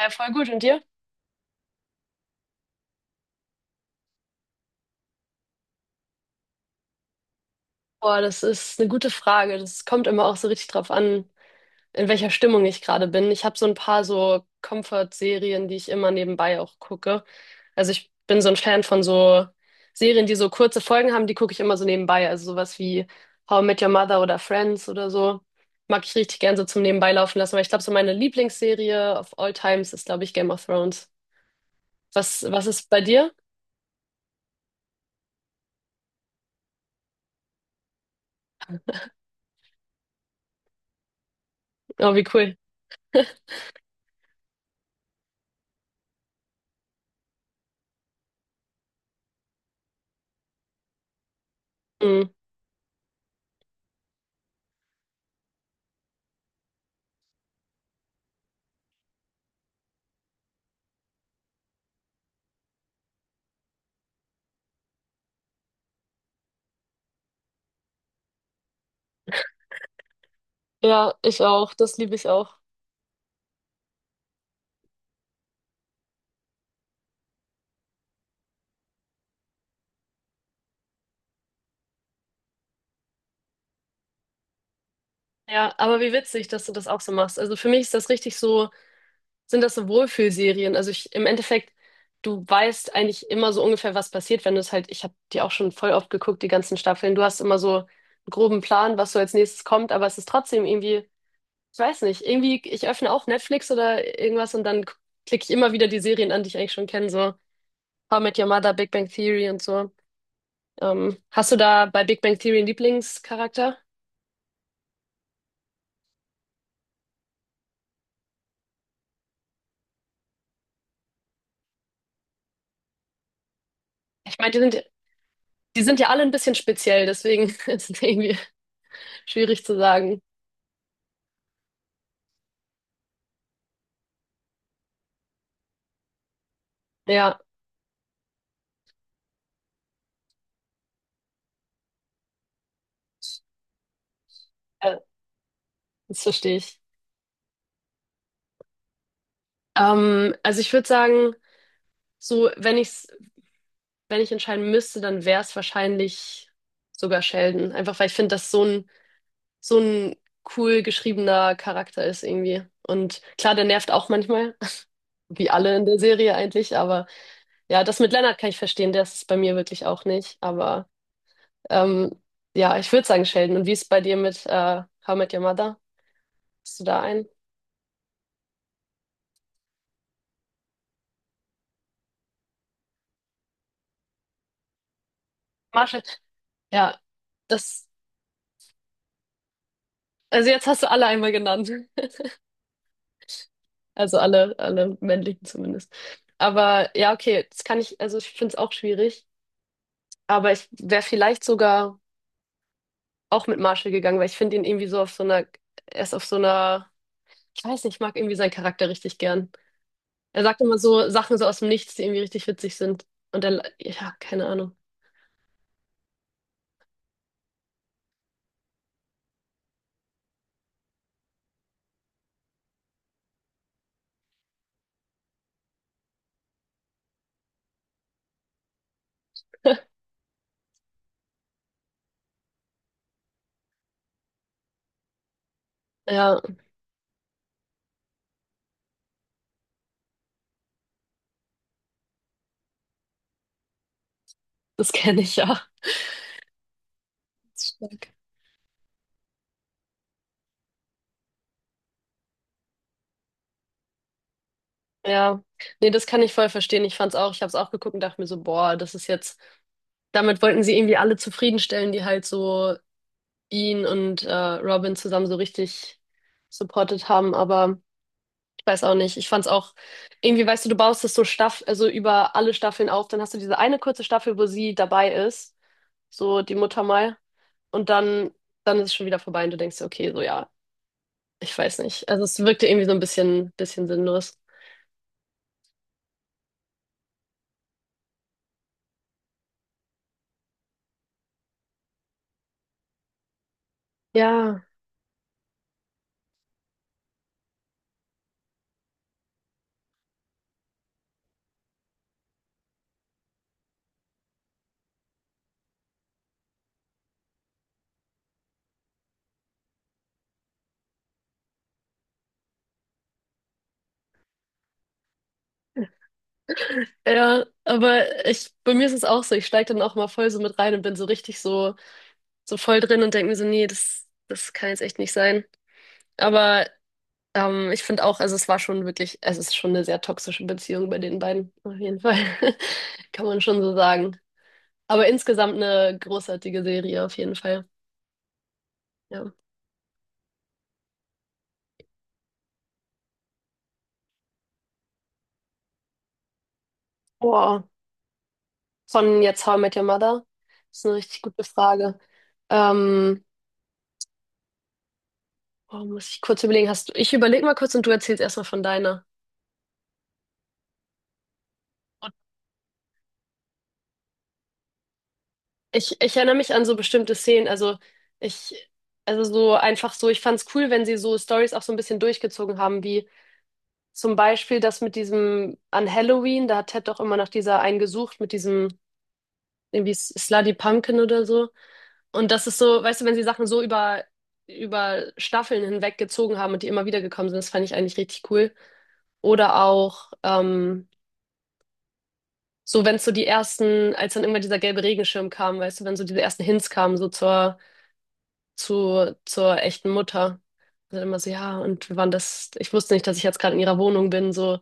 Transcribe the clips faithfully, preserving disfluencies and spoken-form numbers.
Ja, voll gut. Und dir? Boah, das ist eine gute Frage. Das kommt immer auch so richtig drauf an, in welcher Stimmung ich gerade bin. Ich habe so ein paar so Comfort-Serien, die ich immer nebenbei auch gucke. Also ich bin so ein Fan von so Serien, die so kurze Folgen haben, die gucke ich immer so nebenbei. Also sowas wie How I Met Your Mother oder Friends oder so. Mag ich richtig gern so zum Nebenbei laufen lassen. Aber ich glaube, so meine Lieblingsserie of all times ist, glaube ich, Game of Thrones. Was, was ist bei dir? Oh, wie cool. Mhm. Ja, ich auch. Das liebe ich auch. Ja, aber wie witzig, dass du das auch so machst. Also für mich ist das richtig so, sind das so Wohlfühlserien. Also ich, im Endeffekt, du weißt eigentlich immer so ungefähr, was passiert, wenn du es halt, ich habe die auch schon voll oft geguckt, die ganzen Staffeln. Du hast immer so einen groben Plan, was so als nächstes kommt, aber es ist trotzdem irgendwie, ich weiß nicht, irgendwie, ich öffne auch Netflix oder irgendwas und dann k- klicke ich immer wieder die Serien an, die ich eigentlich schon kenne, so How I Met Your Mother, Big Bang Theory und so. Ähm, hast du da bei Big Bang Theory einen Lieblingscharakter? Ich meine, die sind, Die sind ja alle ein bisschen speziell, deswegen ist es irgendwie schwierig zu sagen. Ja, äh, das verstehe ich. Ähm, also ich würde sagen, so wenn ich's, wenn ich entscheiden müsste, dann wäre es wahrscheinlich sogar Sheldon. Einfach weil ich finde, dass so ein so ein cool geschriebener Charakter ist irgendwie. Und klar, der nervt auch manchmal, wie alle in der Serie eigentlich. Aber ja, das mit Leonard kann ich verstehen, der ist es bei mir wirklich auch nicht. Aber ähm, ja, ich würde sagen Sheldon. Und wie ist es bei dir mit äh, How I Met Your Mother? Hast du da einen? Marshall. Ja, das, also jetzt hast du alle einmal genannt. Also alle, alle männlichen zumindest. Aber ja, okay, das kann ich, also ich finde es auch schwierig. Aber ich wäre vielleicht sogar auch mit Marshall gegangen, weil ich finde ihn irgendwie so auf so einer, er ist auf so einer, ich weiß nicht, ich mag irgendwie seinen Charakter richtig gern. Er sagt immer so Sachen so aus dem Nichts, die irgendwie richtig witzig sind. Und er, ja, keine Ahnung. Ja, das kenne ich ja. Ja, nee, das kann ich voll verstehen. Ich fand's auch, ich hab's auch geguckt und dachte mir so, boah, das ist jetzt, damit wollten sie irgendwie alle zufriedenstellen, die halt so ihn und äh, Robin zusammen so richtig supportet haben, aber ich weiß auch nicht. Ich fand's auch, irgendwie, weißt du, du baust das so Staff, also über alle Staffeln auf, dann hast du diese eine kurze Staffel, wo sie dabei ist, so die Mutter mal, und dann, dann ist es schon wieder vorbei und du denkst, dir, okay, so ja, ich weiß nicht. Also es wirkte irgendwie so ein bisschen, bisschen sinnlos. Ja. Ja, aber ich, bei mir ist es auch so, ich steige dann auch mal voll so mit rein und bin so richtig so, so voll drin und denke mir so, nee, das, das kann jetzt echt nicht sein. Aber ähm, ich finde auch, also es war schon wirklich, es ist schon eine sehr toxische Beziehung bei den beiden, auf jeden Fall. Kann man schon so sagen. Aber insgesamt eine großartige Serie, auf jeden Fall. Ja. Boah, von jetzt How I Met Your Mother? Das ist eine richtig gute Frage. Ähm, boah, muss ich kurz überlegen, hast du, ich überlege mal kurz und du erzählst erstmal von deiner. Ich, ich erinnere mich an so bestimmte Szenen. Also ich, also so einfach so, ich fand's cool, wenn sie so Stories auch so ein bisschen durchgezogen haben, wie zum Beispiel das mit diesem an Halloween, da hat Ted doch immer nach dieser einen gesucht, mit diesem irgendwie Slutty Pumpkin oder so. Und das ist so, weißt du, wenn sie Sachen so über, über Staffeln hinweg gezogen haben und die immer wieder gekommen sind, das fand ich eigentlich richtig cool. Oder auch ähm, so, wenn so die ersten, als dann irgendwann dieser gelbe Regenschirm kam, weißt du, wenn so diese ersten Hints kamen, so zur zu, zur echten Mutter. Also immer so, ja, und wir waren das, ich wusste nicht, dass ich jetzt gerade in ihrer Wohnung bin, so,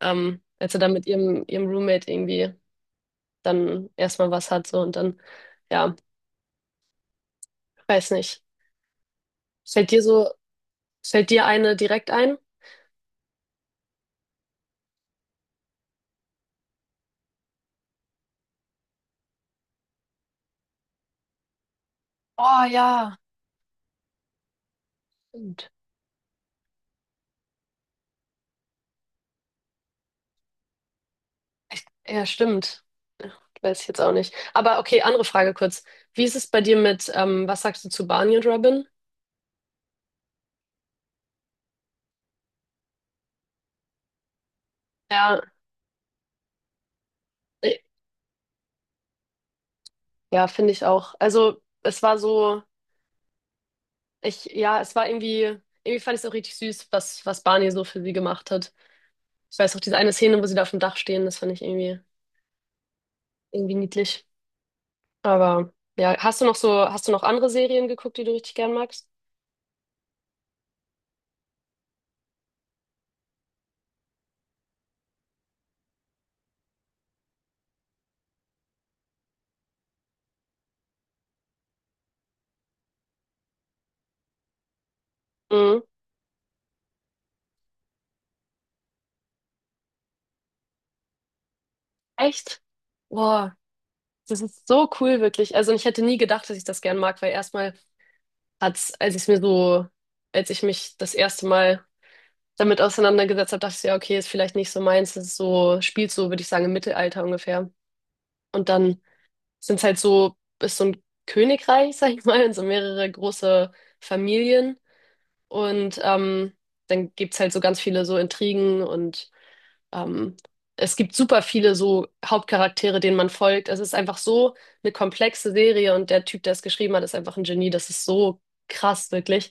ähm, als er dann mit ihrem, ihrem Roommate irgendwie dann erstmal was hat, so, und dann, ja, weiß nicht. Fällt dir so, Fällt dir eine direkt ein? Oh ja, stimmt. Echt? Ja, stimmt. Ja, weiß ich jetzt auch nicht. Aber okay, andere Frage kurz. Wie ist es bei dir mit, ähm, was sagst du zu Barney und Robin? Ja, äh, ja, finde ich auch. Also, es war so. Ich, ja, es war irgendwie, irgendwie fand ich es auch richtig süß, was, was Barney so für sie gemacht hat. Ich weiß auch diese eine Szene, wo sie da auf dem Dach stehen, das fand ich irgendwie, irgendwie niedlich. Aber ja, hast du noch so, hast du noch andere Serien geguckt, die du richtig gern magst? Mhm. Echt? Boah, das ist so cool, wirklich. Also, und ich hätte nie gedacht, dass ich das gern mag, weil erstmal hat's, als ich mir so, als ich mich das erste Mal damit auseinandergesetzt habe, dachte ich, so, ja, okay, ist vielleicht nicht so meins, das ist so, spielt so, würde ich sagen, im Mittelalter ungefähr. Und dann sind halt so, ist so ein Königreich, sag ich mal, und so mehrere große Familien. Und ähm, dann gibt's halt so ganz viele so Intrigen und ähm, es gibt super viele so Hauptcharaktere, denen man folgt. Es ist einfach so eine komplexe Serie und der Typ, der es geschrieben hat, ist einfach ein Genie. Das ist so krass, wirklich.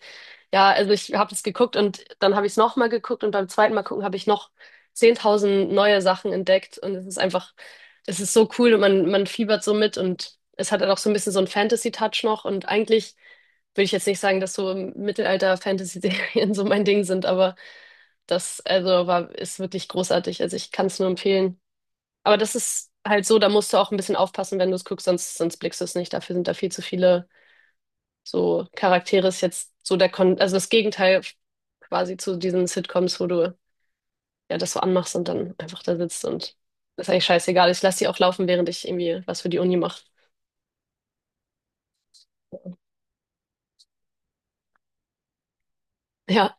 Ja, also ich habe es geguckt und dann habe ich es nochmal geguckt und beim zweiten Mal gucken habe ich noch zehntausend neue Sachen entdeckt und es ist einfach, es ist so cool und man, man fiebert so mit und es hat dann auch so ein bisschen so einen Fantasy-Touch noch und eigentlich würde ich jetzt nicht sagen, dass so Mittelalter-Fantasy-Serien so mein Ding sind, aber das also war, ist wirklich großartig. Also ich kann es nur empfehlen. Aber das ist halt so, da musst du auch ein bisschen aufpassen, wenn du es guckst, sonst, sonst blickst du es nicht. Dafür sind da viel zu viele so Charaktere. Ist jetzt so der Kon also das Gegenteil quasi zu diesen Sitcoms, wo du ja das so anmachst und dann einfach da sitzt und das ist eigentlich scheißegal. Ich lasse die auch laufen, während ich irgendwie was für die Uni mache. Ja,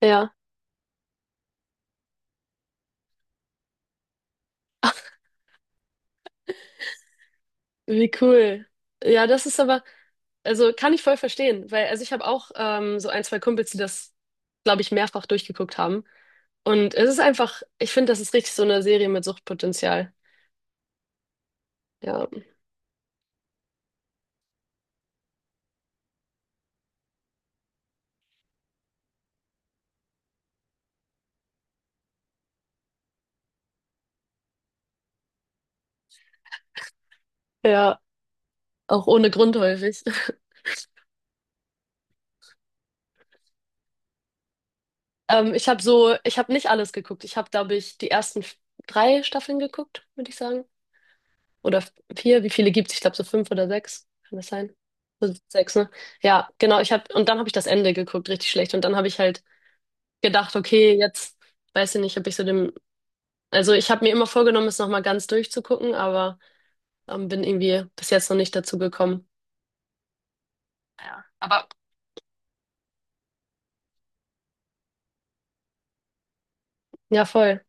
ja. Wie cool. Ja, das ist aber, also kann ich voll verstehen, weil also ich habe auch ähm, so ein, zwei Kumpels, die das, glaube ich, mehrfach durchgeguckt haben. Und es ist einfach, ich finde, das ist richtig so eine Serie mit Suchtpotenzial. Ja, ja, auch ohne Grund häufig. Ähm, ich habe so, ich habe nicht alles geguckt. Ich habe, glaube ich, die ersten f- drei Staffeln geguckt, würde ich sagen. Oder f- vier, wie viele gibt's? Ich glaube, so fünf oder sechs. Kann das sein? So sechs, ne? Ja, genau. Ich habe, und dann habe ich das Ende geguckt, richtig schlecht. Und dann habe ich halt gedacht, okay, jetzt weiß ich nicht, ob ich so dem, also ich habe mir immer vorgenommen, es nochmal ganz durchzugucken, aber ähm, bin irgendwie bis jetzt noch nicht dazu gekommen. Ja. Aber ja, voll.